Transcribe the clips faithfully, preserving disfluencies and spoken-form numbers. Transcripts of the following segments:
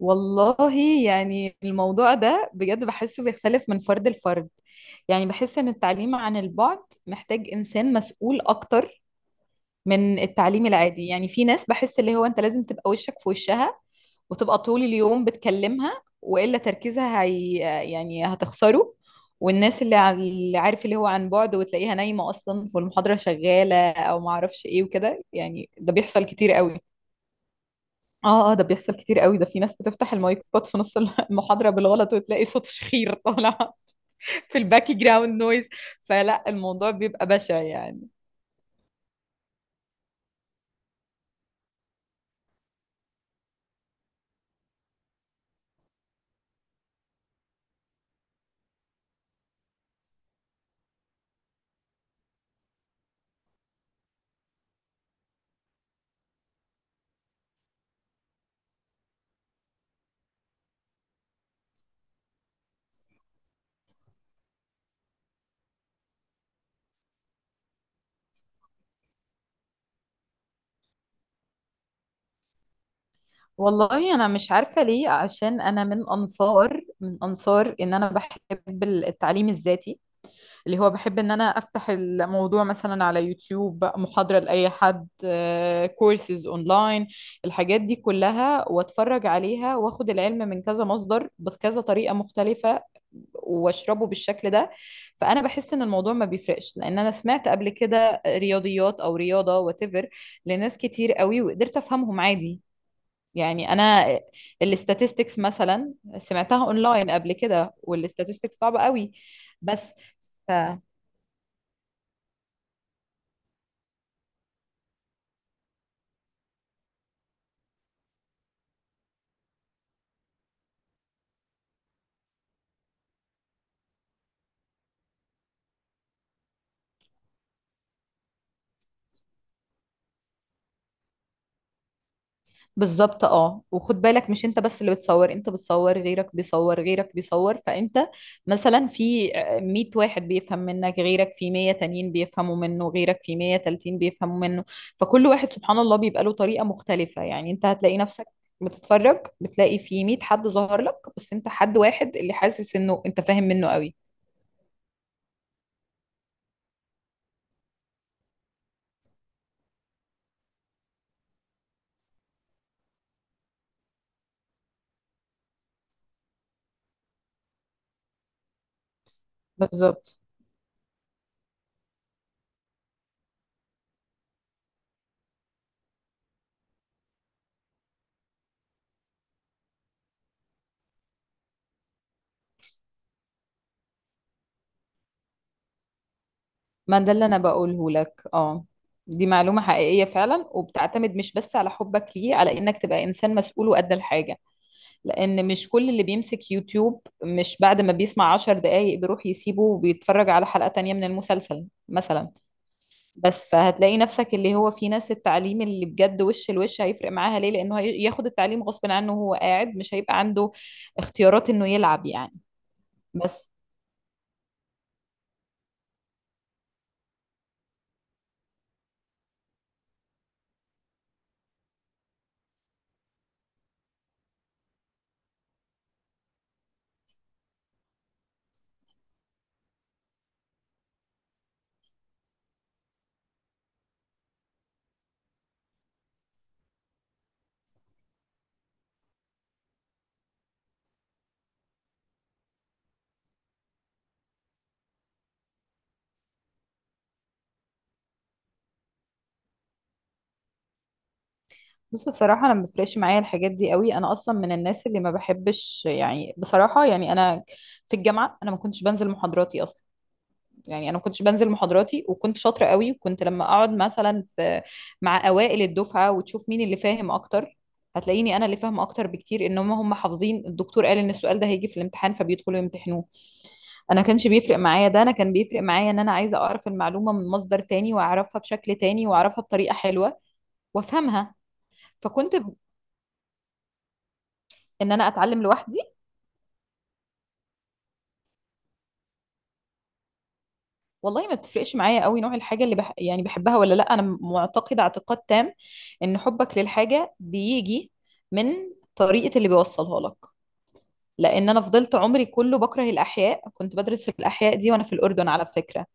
والله، يعني الموضوع ده بجد بحسه بيختلف من فرد لفرد. يعني بحس ان التعليم عن البعد محتاج انسان مسؤول اكتر من التعليم العادي. يعني في ناس بحس اللي هو انت لازم تبقى وشك في وشها وتبقى طول اليوم بتكلمها، والا تركيزها هي يعني هتخسره. والناس اللي ع- اللي عارف اللي هو عن بعد وتلاقيها نايمة اصلا والمحاضرة شغالة او معرفش ايه وكده، يعني ده بيحصل كتير قوي. اه، اه، ده بيحصل كتير قوي. ده في ناس بتفتح المايكات في نص المحاضرة بالغلط وتلاقي صوت شخير طالع في الباك جراوند نويز. فلا الموضوع بيبقى بشع يعني. والله انا مش عارفة ليه، عشان انا من انصار من انصار ان انا بحب التعليم الذاتي، اللي هو بحب ان انا افتح الموضوع مثلا على يوتيوب محاضرة لأي حد، كورسز اونلاين، الحاجات دي كلها، واتفرج عليها واخد العلم من كذا مصدر بكذا طريقة مختلفة واشربه بالشكل ده. فانا بحس ان الموضوع ما بيفرقش، لان انا سمعت قبل كده رياضيات او رياضة واتيفر لناس كتير قوي وقدرت افهمهم عادي. يعني انا الاستاتستكس مثلا سمعتها اونلاين قبل كده، والاستاتستكس صعبة قوي. بس ف... بالظبط. اه، وخد بالك مش انت بس اللي بتصور، انت بتصور غيرك بيصور غيرك بيصور، فانت مثلا في مية واحد بيفهم منك، غيرك في مية تانيين بيفهموا منه، غيرك في مية تالتين بيفهموا منه. فكل واحد سبحان الله بيبقى له طريقة مختلفة. يعني انت هتلاقي نفسك بتتفرج، بتلاقي في مئة حد ظهر لك، بس انت حد واحد اللي حاسس انه انت فاهم منه قوي. بالظبط. ما ده اللي انا بقوله لك. اه، دي معلومة حقيقية فعلا، وبتعتمد مش بس على حبك ليه، على انك تبقى انسان مسؤول وقد الحاجة. لأن مش كل اللي بيمسك يوتيوب مش بعد ما بيسمع عشر دقايق بيروح يسيبه وبيتفرج على حلقة تانية من المسلسل مثلا. بس فهتلاقي نفسك اللي هو في ناس التعليم اللي بجد وش الوش هيفرق معاها، ليه؟ لأنه هي- ياخد التعليم غصب عنه، وهو قاعد مش هيبقى عنده اختيارات إنه يلعب يعني. بس بص الصراحة، أنا ما بيفرقش معايا الحاجات دي قوي، أنا أصلا من الناس اللي ما بحبش يعني، بصراحة، يعني أنا في الجامعة أنا ما كنتش بنزل محاضراتي أصلا. يعني انا ما كنتش بنزل محاضراتي، وكنت شاطره قوي. وكنت لما اقعد مثلا في مع اوائل الدفعه وتشوف مين اللي فاهم اكتر، هتلاقيني انا اللي فاهمه اكتر بكتير، ان هم هم حافظين الدكتور قال ان السؤال ده هيجي في الامتحان فبيدخلوا يمتحنوه. انا كانش بيفرق معايا ده، انا كان بيفرق معايا ان انا عايزه اعرف المعلومه من مصدر تاني واعرفها بشكل تاني واعرفها بطريقه حلوه وافهمها. فكنت ب- ان انا اتعلم لوحدي. والله ما بتفرقش معايا قوي نوع الحاجة اللي بح... يعني بحبها ولا لا. انا معتقدة اعتقاد تام ان حبك للحاجة بيجي من طريقة اللي بيوصلها لك. لان انا فضلت عمري كله بكره الاحياء، كنت بدرس في الاحياء دي وانا في الاردن على فكرة.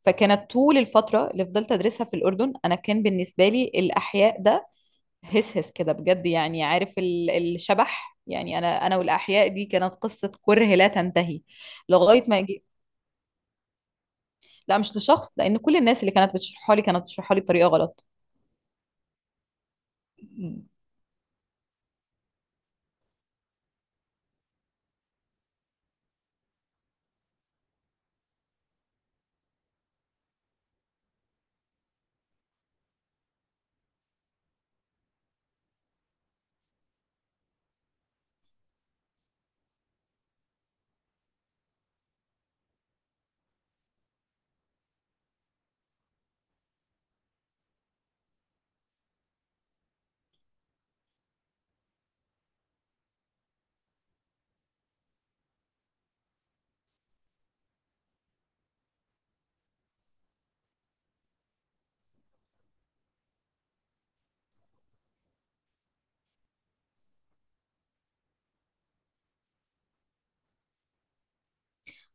فكانت طول الفترة اللي فضلت ادرسها في الاردن انا كان بالنسبة لي الاحياء ده هس هس كده بجد، يعني عارف ال... الشبح. يعني انا انا والاحياء دي كانت قصة كره لا تنتهي لغاية ما. لا مش لشخص، لان كل الناس اللي كانت بتشرحها لي كانت بتشرحها لي بطريقه غلط.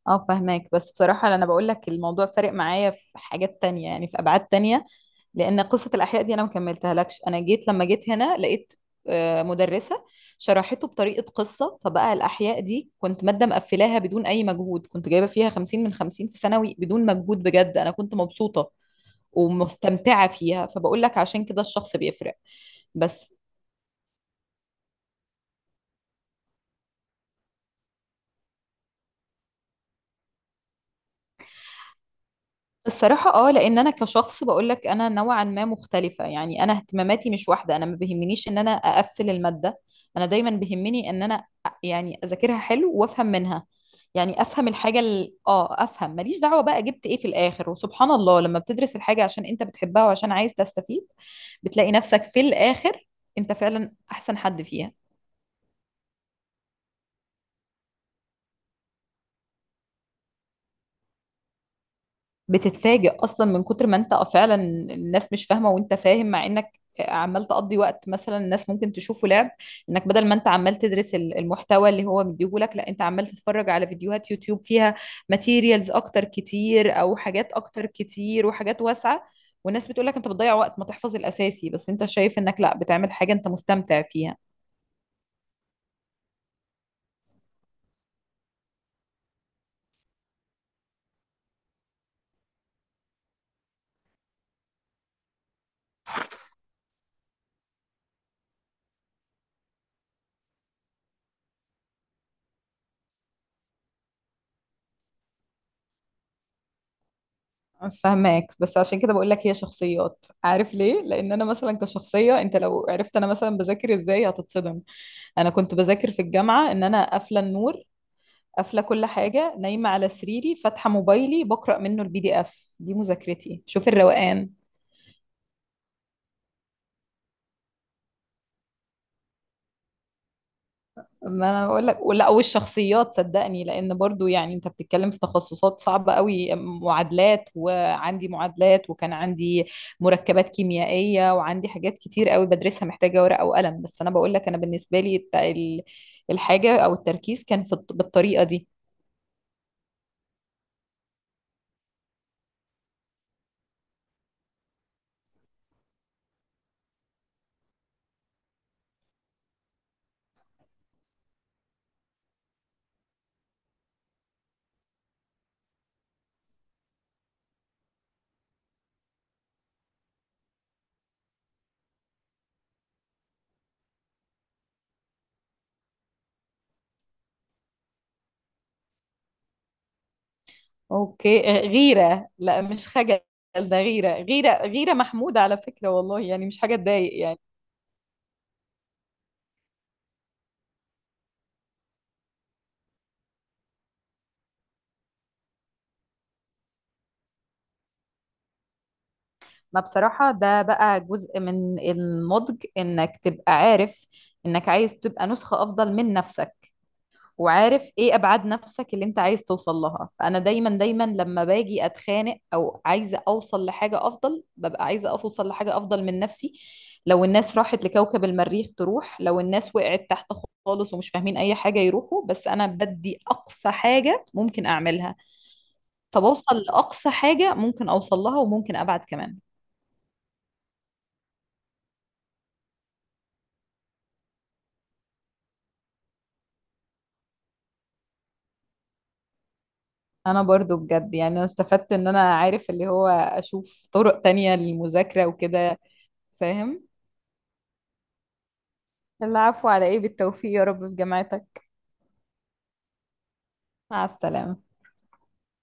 اه، فهماك. بس بصراحه انا بقول لك الموضوع فارق معايا في حاجات تانية، يعني في ابعاد تانية. لان قصه الاحياء دي انا ما كملتها لكش، انا جيت لما جيت هنا لقيت آه، مدرسه شرحته بطريقه قصه، فبقى الاحياء دي كنت ماده مقفلاها بدون اي مجهود. كنت جايبه فيها خمسين من خمسين في ثانوي بدون مجهود بجد، انا كنت مبسوطه ومستمتعه فيها. فبقول لك عشان كده الشخص بيفرق. بس الصراحة اه، لان انا كشخص بقول لك انا نوعا ما مختلفة، يعني انا اهتماماتي مش واحدة. انا ما بيهمنيش ان انا اقفل المادة، انا دايما بيهمني ان انا أ- يعني اذاكرها حلو وافهم منها. يعني افهم الحاجة ال- اه افهم، ماليش دعوة بقى جبت ايه في الاخر. وسبحان الله لما بتدرس الحاجة عشان انت بتحبها وعشان عايز تستفيد، بتلاقي نفسك في الاخر انت فعلا احسن حد فيها. بتتفاجئ اصلا من كتر ما انت آه، فعلا الناس مش فاهمه وانت فاهم، مع انك عمال تقضي وقت مثلا الناس ممكن تشوفه لعب. انك بدل ما انت عمال تدرس ال- المحتوى اللي هو مديهولك، لا انت عمال تتفرج على فيديوهات يوتيوب فيها ماتيريالز اكتر كتير او حاجات اكتر كتير وحاجات واسعه. والناس بتقول لك انت بتضيع وقت، ما تحفظ الاساسي، بس انت شايف انك لا بتعمل حاجه انت مستمتع فيها. فهماك. بس عشان كده بقول لك هي شخصيات، عارف ليه؟ لان انا مثلا كشخصيه، انت لو عرفت انا مثلا بذاكر ازاي هتتصدم. انا كنت بذاكر في الجامعه ان انا قافله النور، قافله كل حاجه، نايمه على سريري، فاتحه موبايلي بقرا منه البي دي اف دي مذاكرتي. شوف الروقان. ما انا بقول لك، ولا والشخصيات صدقني. لان برضو يعني انت بتتكلم في تخصصات صعبه قوي، معادلات وعندي معادلات وكان عندي مركبات كيميائيه وعندي حاجات كتير قوي بدرسها محتاجه ورقه وقلم. بس انا بقول لك انا بالنسبه لي الت- ال- الحاجه او التركيز كان في الط- بالطريقه دي. اوكي. آه، غيرة لا مش خجل. ده غيرة، غيرة، غيرة محمودة على فكرة، والله يعني مش حاجة تضايق يعني. ما بصراحة ده بقى جزء من النضج، انك تبقى عارف انك عايز تبقى نسخة افضل من نفسك، وعارف ايه ابعاد نفسك اللي انت عايز توصل لها. فانا دايما دايما لما باجي اتخانق او عايزه اوصل لحاجه افضل، ببقى عايزه اوصل لحاجه افضل من نفسي. لو الناس راحت لكوكب المريخ تروح، لو الناس وقعت تحت خالص ومش فاهمين اي حاجه يروحوا، بس انا بدي اقصى حاجه ممكن اعملها. فبوصل لاقصى حاجه ممكن اوصل لها، وممكن ابعد كمان. انا برضو بجد يعني انا استفدت ان انا عارف اللي هو اشوف طرق تانية للمذاكره وكده. فاهم. العفو، على ايه، بالتوفيق يا رب في جامعتك. مع السلامة.